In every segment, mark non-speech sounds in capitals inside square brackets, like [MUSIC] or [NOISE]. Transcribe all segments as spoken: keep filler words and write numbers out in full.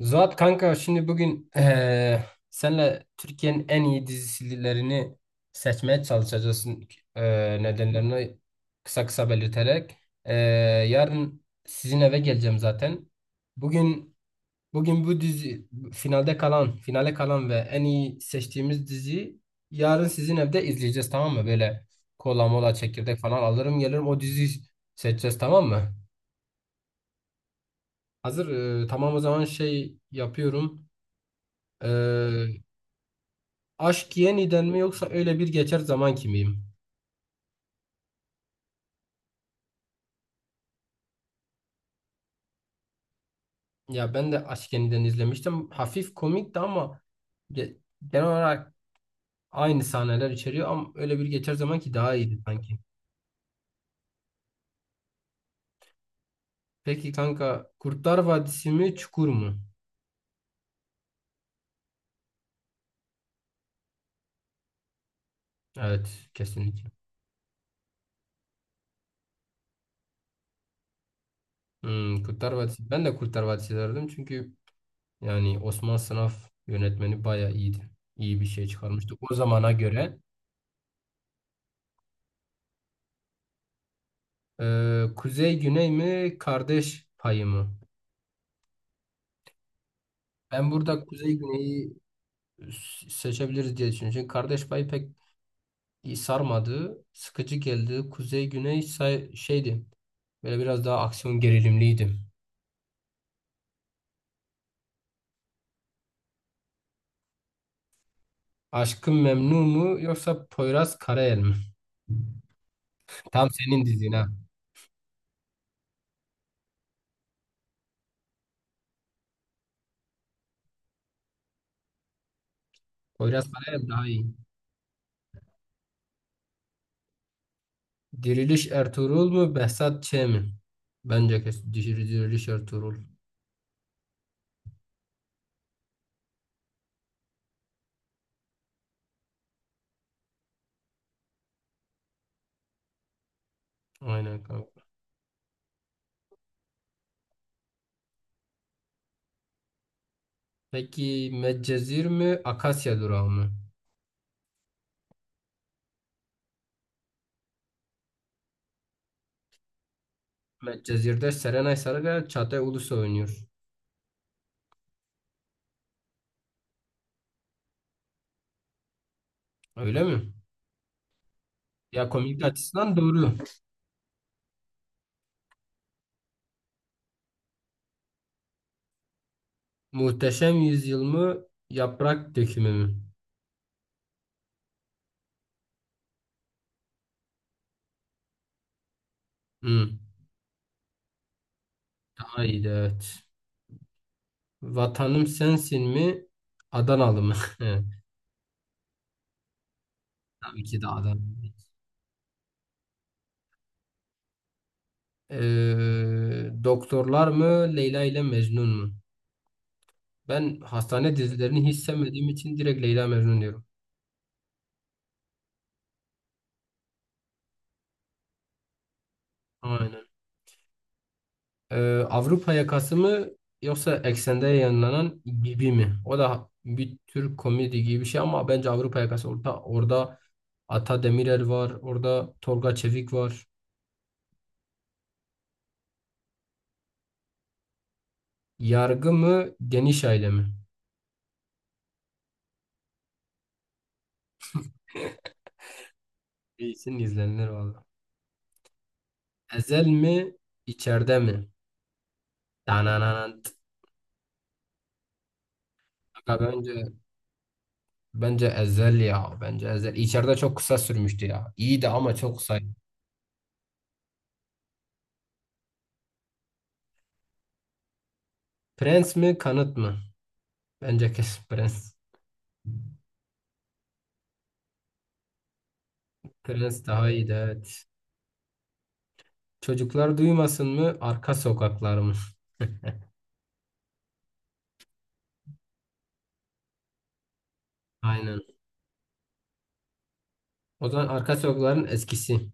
Zuhat kanka şimdi bugün eee senle Türkiye'nin en iyi dizilerini seçmeye çalışacağız. Eee, nedenlerini kısa kısa belirterek. Eee, Yarın sizin eve geleceğim zaten. Bugün bugün bu dizi finalde kalan, finale kalan ve en iyi seçtiğimiz diziyi yarın sizin evde izleyeceğiz, tamam mı? Böyle kola mola çekirdek falan alırım, gelirim, o diziyi seçeceğiz, tamam mı? Hazır eee, tamam, o zaman şey yapıyorum. Aşk Yeniden mi yoksa öyle bir geçer zaman kimiyim? Ya ben de Aşk Yeniden izlemiştim. Hafif komikti ama ge- genel olarak aynı sahneler içeriyor, ama öyle bir geçer zaman ki daha iyiydi sanki. Peki kanka, Kurtlar Vadisi mi Çukur mu? Evet, kesinlikle. Hmm, Kurtlar Vadisi. Ben de Kurtlar Vadisi derdim, çünkü yani Osman Sınav yönetmeni bayağı iyiydi. İyi bir şey çıkarmıştı o zamana göre. Ee, Kuzey Güney mi kardeş payı mı? Ben burada Kuzey Güney'i seçebiliriz diye düşünüyorum. Çünkü kardeş payı pek iyi sarmadı. Sıkıcı geldi. Kuzey Güney say- şeydi. Böyle biraz daha aksiyon gerilimliydi. Aşkın Memnu mu yoksa Poyraz Karayel mi? [LAUGHS] Tam senin dizin ha. Poyraz Karayel daha iyi. Diriliş Ertuğrul mu Behzat Ç mi? Bence kesin Diriliş Diriliş Ertuğrul. Aynen kanka. Peki Medcezir mi Akasya Durağı mı? Medcezir'de Serenay Sarıkaya, Çağatay Ulusoy oynuyor. Öyle mi? Ya komik açısından doğru. Muhteşem Yüzyıl mı? Yaprak Dökümü mü? Hı. Haydi, evet. Vatanım Sensin mi? Adanalı mı? [LAUGHS] Evet, tabii ki de Adanalı. Ee, doktorlar mı? Leyla ile Mecnun mu? Ben hastane dizilerini hiç sevmediğim için direkt Leyla Mecnun diyorum. Aynen. Ee, Avrupa yakası mı yoksa eksende yayınlanan gibi mi? O da bir tür komedi gibi bir şey, ama bence Avrupa yakası, orada orada Ata Demirer var, orada Tolga Çevik var. Yargı mı, Geniş Aile mi? İyisin, izlenir valla. Ezel mi, içeride mi? Dananant. Kanka bence bence Ezel ya. Bence Ezel. İçeride çok kısa sürmüştü ya. İyiydi ama çok kısa. Prens mi, Kanıt mı? Bence kesin [LAUGHS] Prens. Prens daha iyiydi, evet. Çocuklar duymasın mı? Arka sokaklar mı? [LAUGHS] Aynen. O zaman arka sokakların eskisi.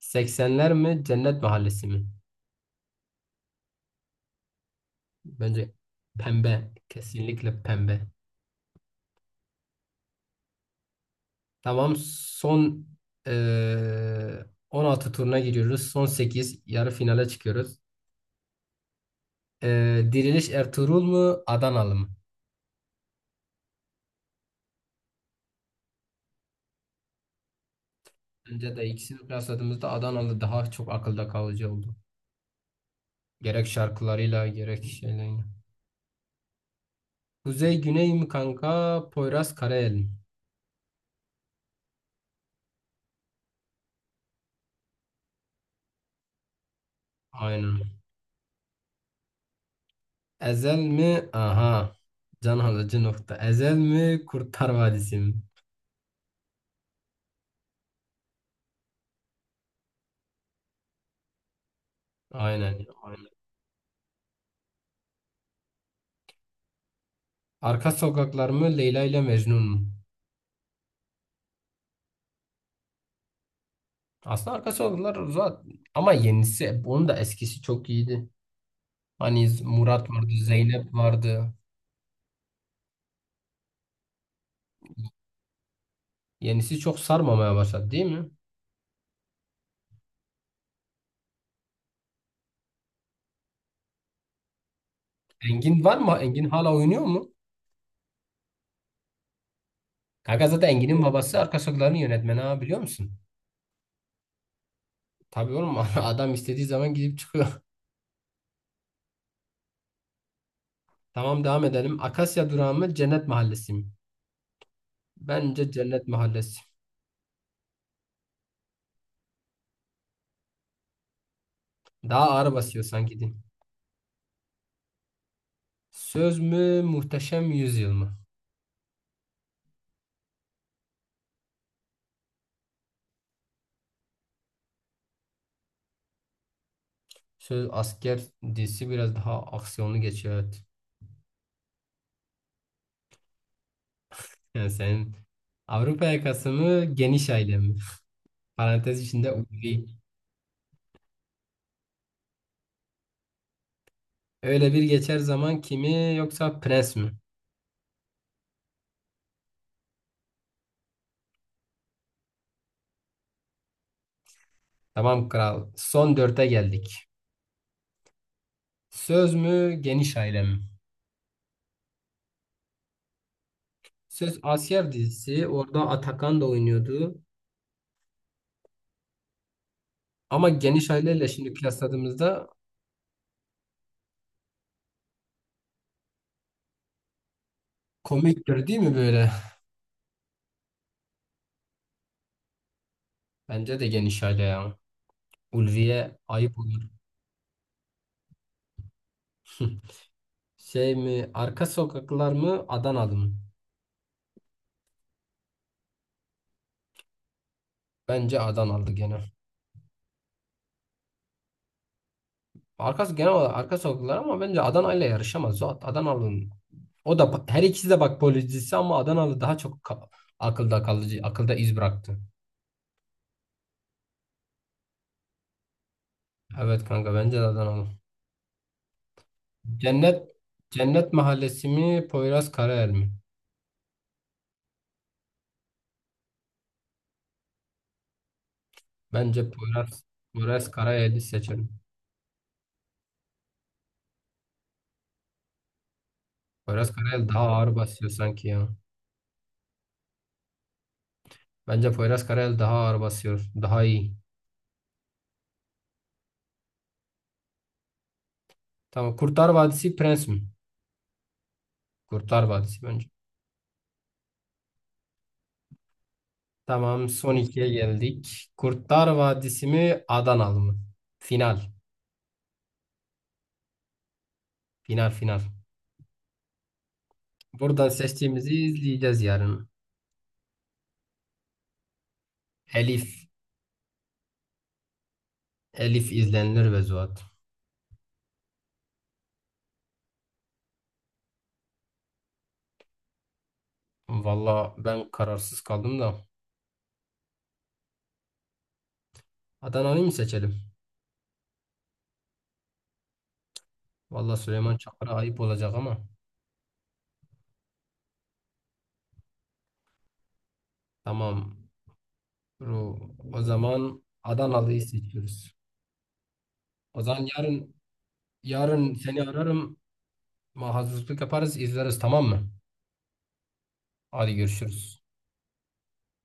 Seksenler mi? Cennet Mahallesi mi? Bence pembe. Kesinlikle pembe. Tamam. Son eee on altı turuna giriyoruz. Son sekiz. Yarı finale çıkıyoruz. Eee, Diriliş Ertuğrul mu? Adanalı mı? Bence de ikisini kıyasladığımızda Adanalı daha çok akılda kalıcı oldu. Gerek şarkılarıyla gerek şeyleriyle. Kuzey Güney mi kanka? Poyraz Karayel mi? Aynen. Ezel mi? Aha. Can alıcı nokta. Ezel mi? Kurtlar Vadisi mi? Aynen ya, aynen. Arka sokaklar mı? Leyla ile Mecnun mu? Aslında arka sokaklar zaten. Ama yenisi. Onun da eskisi çok iyiydi. Hani Z- Murat vardı. Zeynep vardı. Yenisi çok sarmamaya başladı değil mi? Engin var mı? Engin hala oynuyor mu? Kanka zaten Engin'in babası arka sokakların yönetmeni, ha, biliyor musun? Tabii oğlum, [LAUGHS] adam istediği zaman gidip çıkıyor. [LAUGHS] Tamam, devam edelim. Akasya durağı mı? Cennet Mahallesi mi? Bence Cennet Mahallesi. Daha ağır basıyor sanki din. Söz mü Muhteşem Yüzyıl mı? Söz asker dizisi biraz daha aksiyonlu geçiyor, evet. Yani senin Avrupa yakası mı geniş aile mi? Parantez içinde ulvi. Öyle bir geçer zaman kimi yoksa prens mi? Tamam kral. Son dörde geldik. Söz mü geniş aile mi? Söz asker dizisi. Orada Atakan da oynuyordu. Ama geniş aileyle şimdi kıyasladığımızda komiktir değil mi böyle? Bence de geniş aile ya. Ulviye ayıp olur. [LAUGHS] Şey mi? Arka sokaklar mı? Adanalı mı? Bence Adanalı gene. Arkası genel olarak arka sokaklar, ama bence Adana ile yarışamaz. O Adanalı'nın, o da pa- her ikisi de, bak, policisi, ama Adanalı daha çok ka- akılda kalıcı, akılda iz bıraktı. Evet kanka, bence de Adanalı. Cennet Cennet Mahallesi mi? Poyraz Karayel mi? Bence Poyraz Poyraz Karayel'i seçelim. Poyraz Karayel daha ağır basıyor sanki ya. Bence Poyraz Karayel daha ağır basıyor. Daha iyi. Tamam. Kurtlar Vadisi Prens mi? Kurtlar Vadisi bence. Tamam. Son ikiye geldik. Kurtlar Vadisi mi? Adanalı mı? Final. Final final. Buradan seçtiğimizi izleyeceğiz yarın. Elif. Elif izlenir ve Zuhat. Valla ben kararsız kaldım da. Adana'yı mı seçelim? Valla Süleyman Çakır'a ayıp olacak ama. Tamam. Ru- O zaman Adanalı'yı seçiyoruz. O zaman yarın yarın seni ararım. Ama hazırlık yaparız, izleriz, tamam mı? Hadi görüşürüz.